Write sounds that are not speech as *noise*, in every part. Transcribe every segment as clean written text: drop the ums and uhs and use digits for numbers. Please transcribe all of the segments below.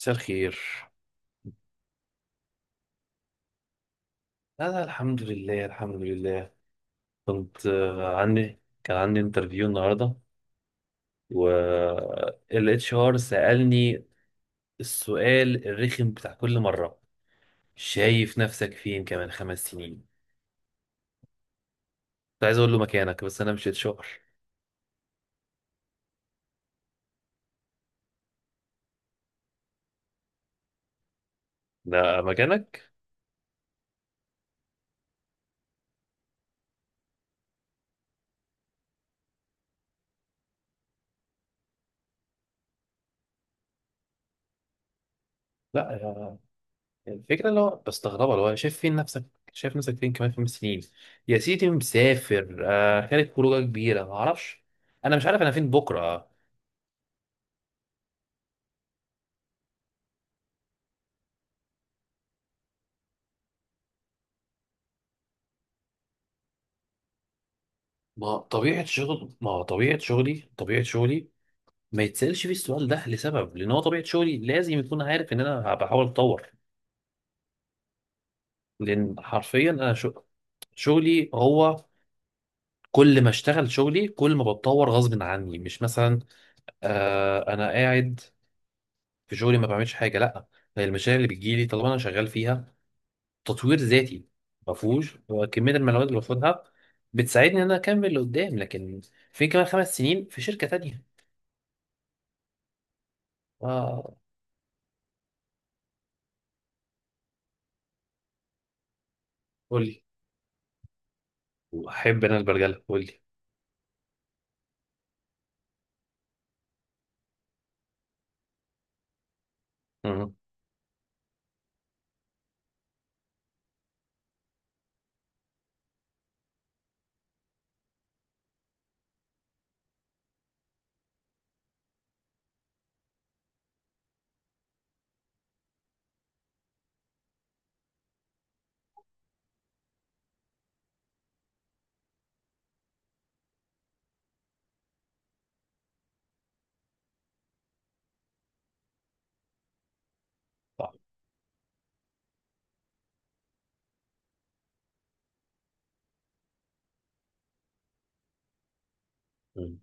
مساء الخير. أنا الحمد لله، الحمد لله. كنت آه، عندي كان عندي انترفيو النهاردة، وال اتش ار سألني السؤال الرخم بتاع كل مرة: شايف نفسك فين كمان 5 سنين؟ كنت عايز أقول له مكانك، بس أنا مش اتش ار. ده مكانك؟ لا يا- الفكرة اللي هو بستغربها، اللي هو شايف فين نفسك، شايف نفسك فين كمان خمس سنين. يا سيدي مسافر، خارج خروجة كبيرة معرفش، أنا مش عارف أنا فين بكرة. ما طبيعة شغلي ما يتسألش فيه السؤال ده، لسبب، لأن هو طبيعة شغلي لازم يكون عارف إن أنا بحاول أتطور. لأن حرفيا شغلي هو، كل ما اشتغل شغلي كل ما بتطور غصب عني. مش مثلا آه أنا قاعد في شغلي ما بعملش حاجة، لأ، هي المشاريع اللي بتجيلي طالما أنا شغال فيها تطوير ذاتي ما فيهوش، هو كمية المعلومات اللي باخدها بتساعدني إن أنا أكمل لقدام، لكن فين كمان 5 سنين في شركة تانية. آه. قول لي، احب انا البرجله، قول لي. مم. صح. مم.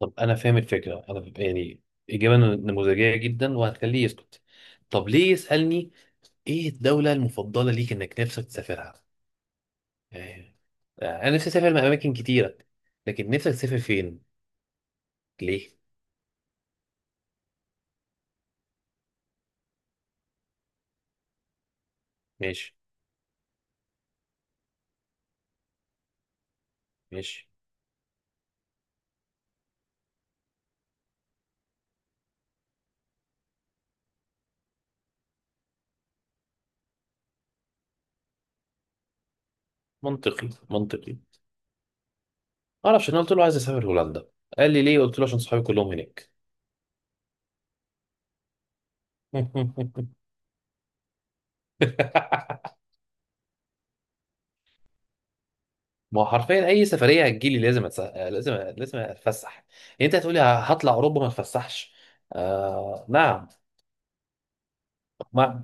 طب انا فاهم الفكره، انا يعني اجابه نموذجيه جدا وهتخليه يسكت. طب ليه يسالني ايه الدوله المفضله ليك انك نفسك تسافرها؟ يعني آه، انا نفسي اسافر اماكن كتيره. لكن نفسك تسافر فين؟ ليه؟ ماشي. ماشي. منطقي. منطقي. ما اعرفش، انا قلت له عايز اسافر هولندا، قال لي ليه، قلت له عشان صحابي كلهم هناك. *laughs* ما هو حرفيا اي سفريه هتجيلي لازم لازم اتفسح. يعني انت هتقولي هطلع اوروبا ما اتفسحش؟ نعم. ما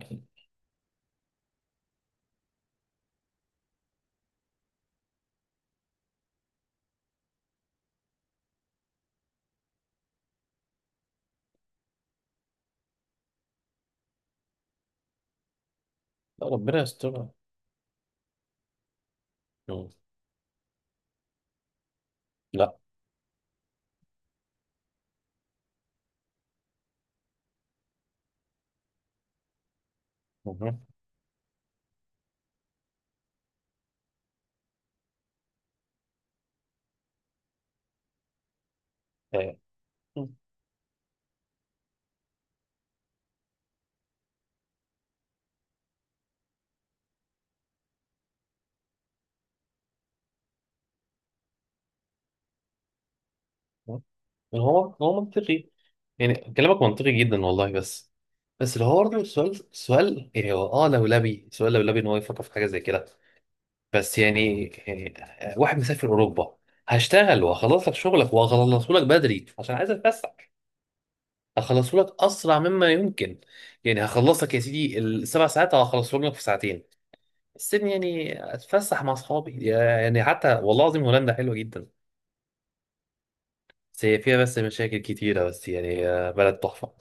ربنا يستر. مم. لا. مم. آه. مم. هو منطقي، يعني كلامك منطقي جدا والله، بس. بس اللي هو برضه السؤال سؤال، يعني هو لولبي، سؤال لولبي ان هو يفكر في حاجه زي كده. بس يعني واحد مسافر اوروبا، هشتغل وهخلص لك شغلك وهخلصه لك بدري عشان عايز اتفسح، هخلصه لك اسرع مما يمكن. يعني هخلصك يا سيدي الـ 7 ساعات هخلصهم لك في ساعتين. السيبني يعني اتفسح مع اصحابي. يعني حتى والله العظيم هولندا حلوه جدا، بس هي فيها مشاكل كتيره، بس يعني آه، بلد تحفه.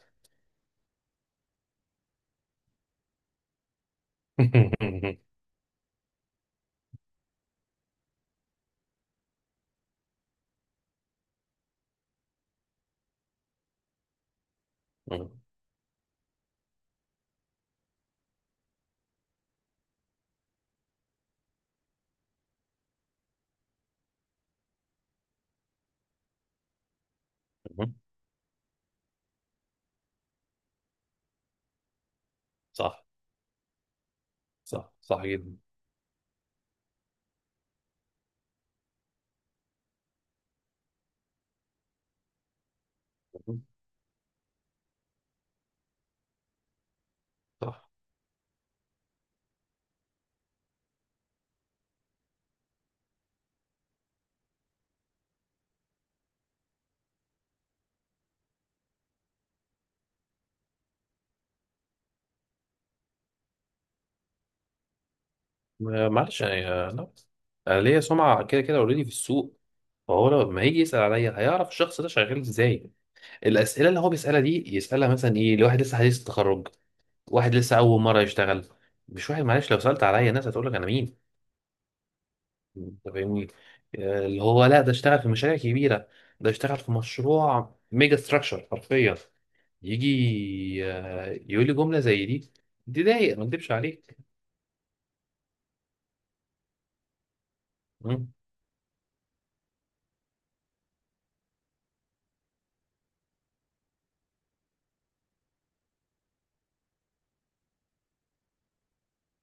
*laughs* صح. صح صح جدا. صح. معلش يعني، آه، لا، انا ليا سمعه كده كده اوريدي في السوق، فهو لما هيجي يسال عليا هيعرف الشخص ده شغال ازاي. الاسئله اللي هو بيسالها دي يسالها مثلا ايه لواحد لسه حديث التخرج، واحد لسه اول مره يشتغل، مش واحد، معلش لو سالت عليا الناس هتقول لك انا مين. انت فاهمني، آه، اللي هو، لا ده اشتغل في مشاريع كبيره، ده اشتغل في مشروع ميجا ستراكشر حرفيا. يجي آه، يقول لي جمله زي دي، دي ضايق ما اكدبش عليك. مم.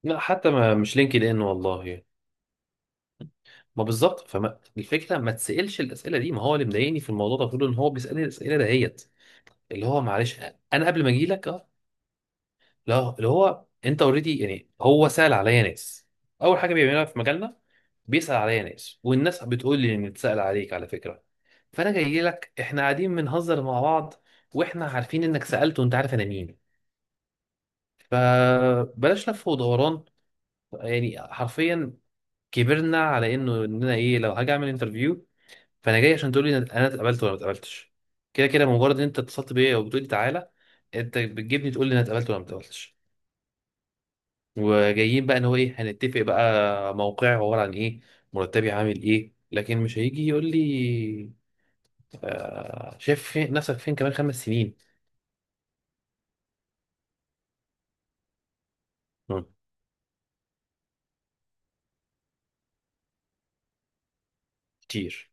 لا حتى ما مش لينكد ان والله. ما بالظبط، فما الفكره ما تسالش الاسئله دي. ما هو اللي مضايقني في الموضوع ده كله ان هو بيسالني الاسئله دهيت اللي هو معلش، انا قبل ما اجي لك آه، لا اللي هو انت اوريدي، يعني هو سأل عليا ناس، اول حاجه بيعملها في مجالنا بيسأل عليا ناس، والناس بتقول لي ان اتسأل عليك على فكره. فانا جاي لك، احنا قاعدين بنهزر مع بعض واحنا عارفين انك سألت وانت عارف انا مين. فبلاش لف ودوران، يعني حرفيا كبرنا على انه ان انا ايه لو هاجي اعمل انترفيو. فانا جاي عشان تقول لي انا اتقبلت ولا ما اتقبلتش. كده كده مجرد ان انت اتصلت بيا وبتقول لي تعالى انت بتجيبني تقول لي انا اتقبلت ولا ما اتقبلتش. وجايين بقى ان هو ايه هنتفق بقى موقعي عباره عن ايه، مرتبي عامل ايه، لكن مش هيجي يقول لي آه شايف فين نفسك فين كمان 5 سنين. مم، كتير.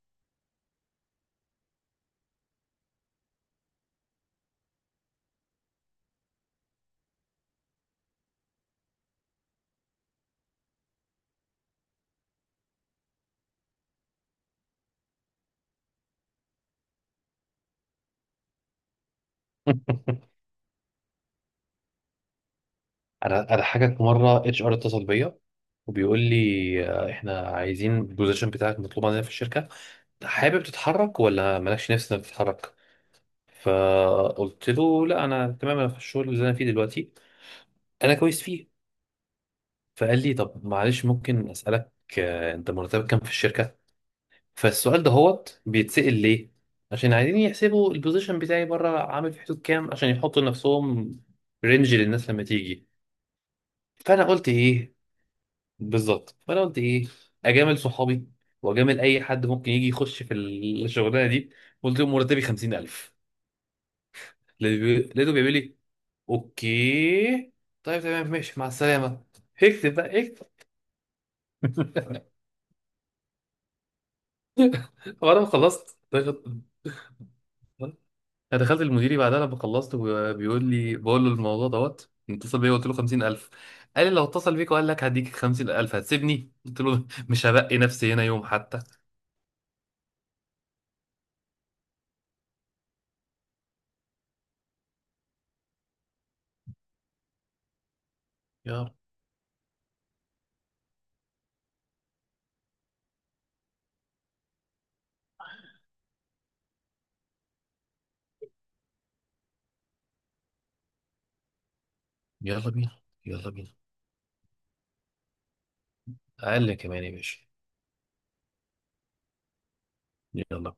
*laughs* انا اضحكك، في مره اتش ار اتصل بيا وبيقول لي آه، احنا عايزين البوزيشن بتاعك مطلوب عندنا في الشركه، حابب تتحرك ولا مالكش نفس انك تتحرك. فقلت له لا انا تمام، انا في الشغل اللي انا فيه دلوقتي انا كويس فيه. فقال لي طب معلش ممكن اسالك آه، انت مرتبك كام في الشركه. فالسؤال ده هوت بيتسأل ليه؟ عشان عايزين يحسبوا البوزيشن بتاعي بره عامل في حدود كام عشان يحطوا لنفسهم رينج للناس لما تيجي. فانا قلت ايه بالظبط، فانا قلت ايه، اجامل صحابي واجامل اي حد ممكن يجي يخش في الشغلانه دي. قلت لهم مرتبي 50000. لقيته بيقول لي اوكي، طيب تمام ماشي مع السلامه. *laughs* اكتب بقى، اكتب. *laughs* وانا خلصت. انا دخلت المديري بعدها لما خلصت وهو بيقول لي، بقول له الموضوع دوت اتصل بيا قلت له 50000. قال لي لو اتصل بيك وقال لك هديك 50000 هتسيبني، قلت له *laughs* مش هبقي نفسي هنا يوم حتى. يلا. يلا بينا. يلا بينا. اقل كمان يا باشا. يلا.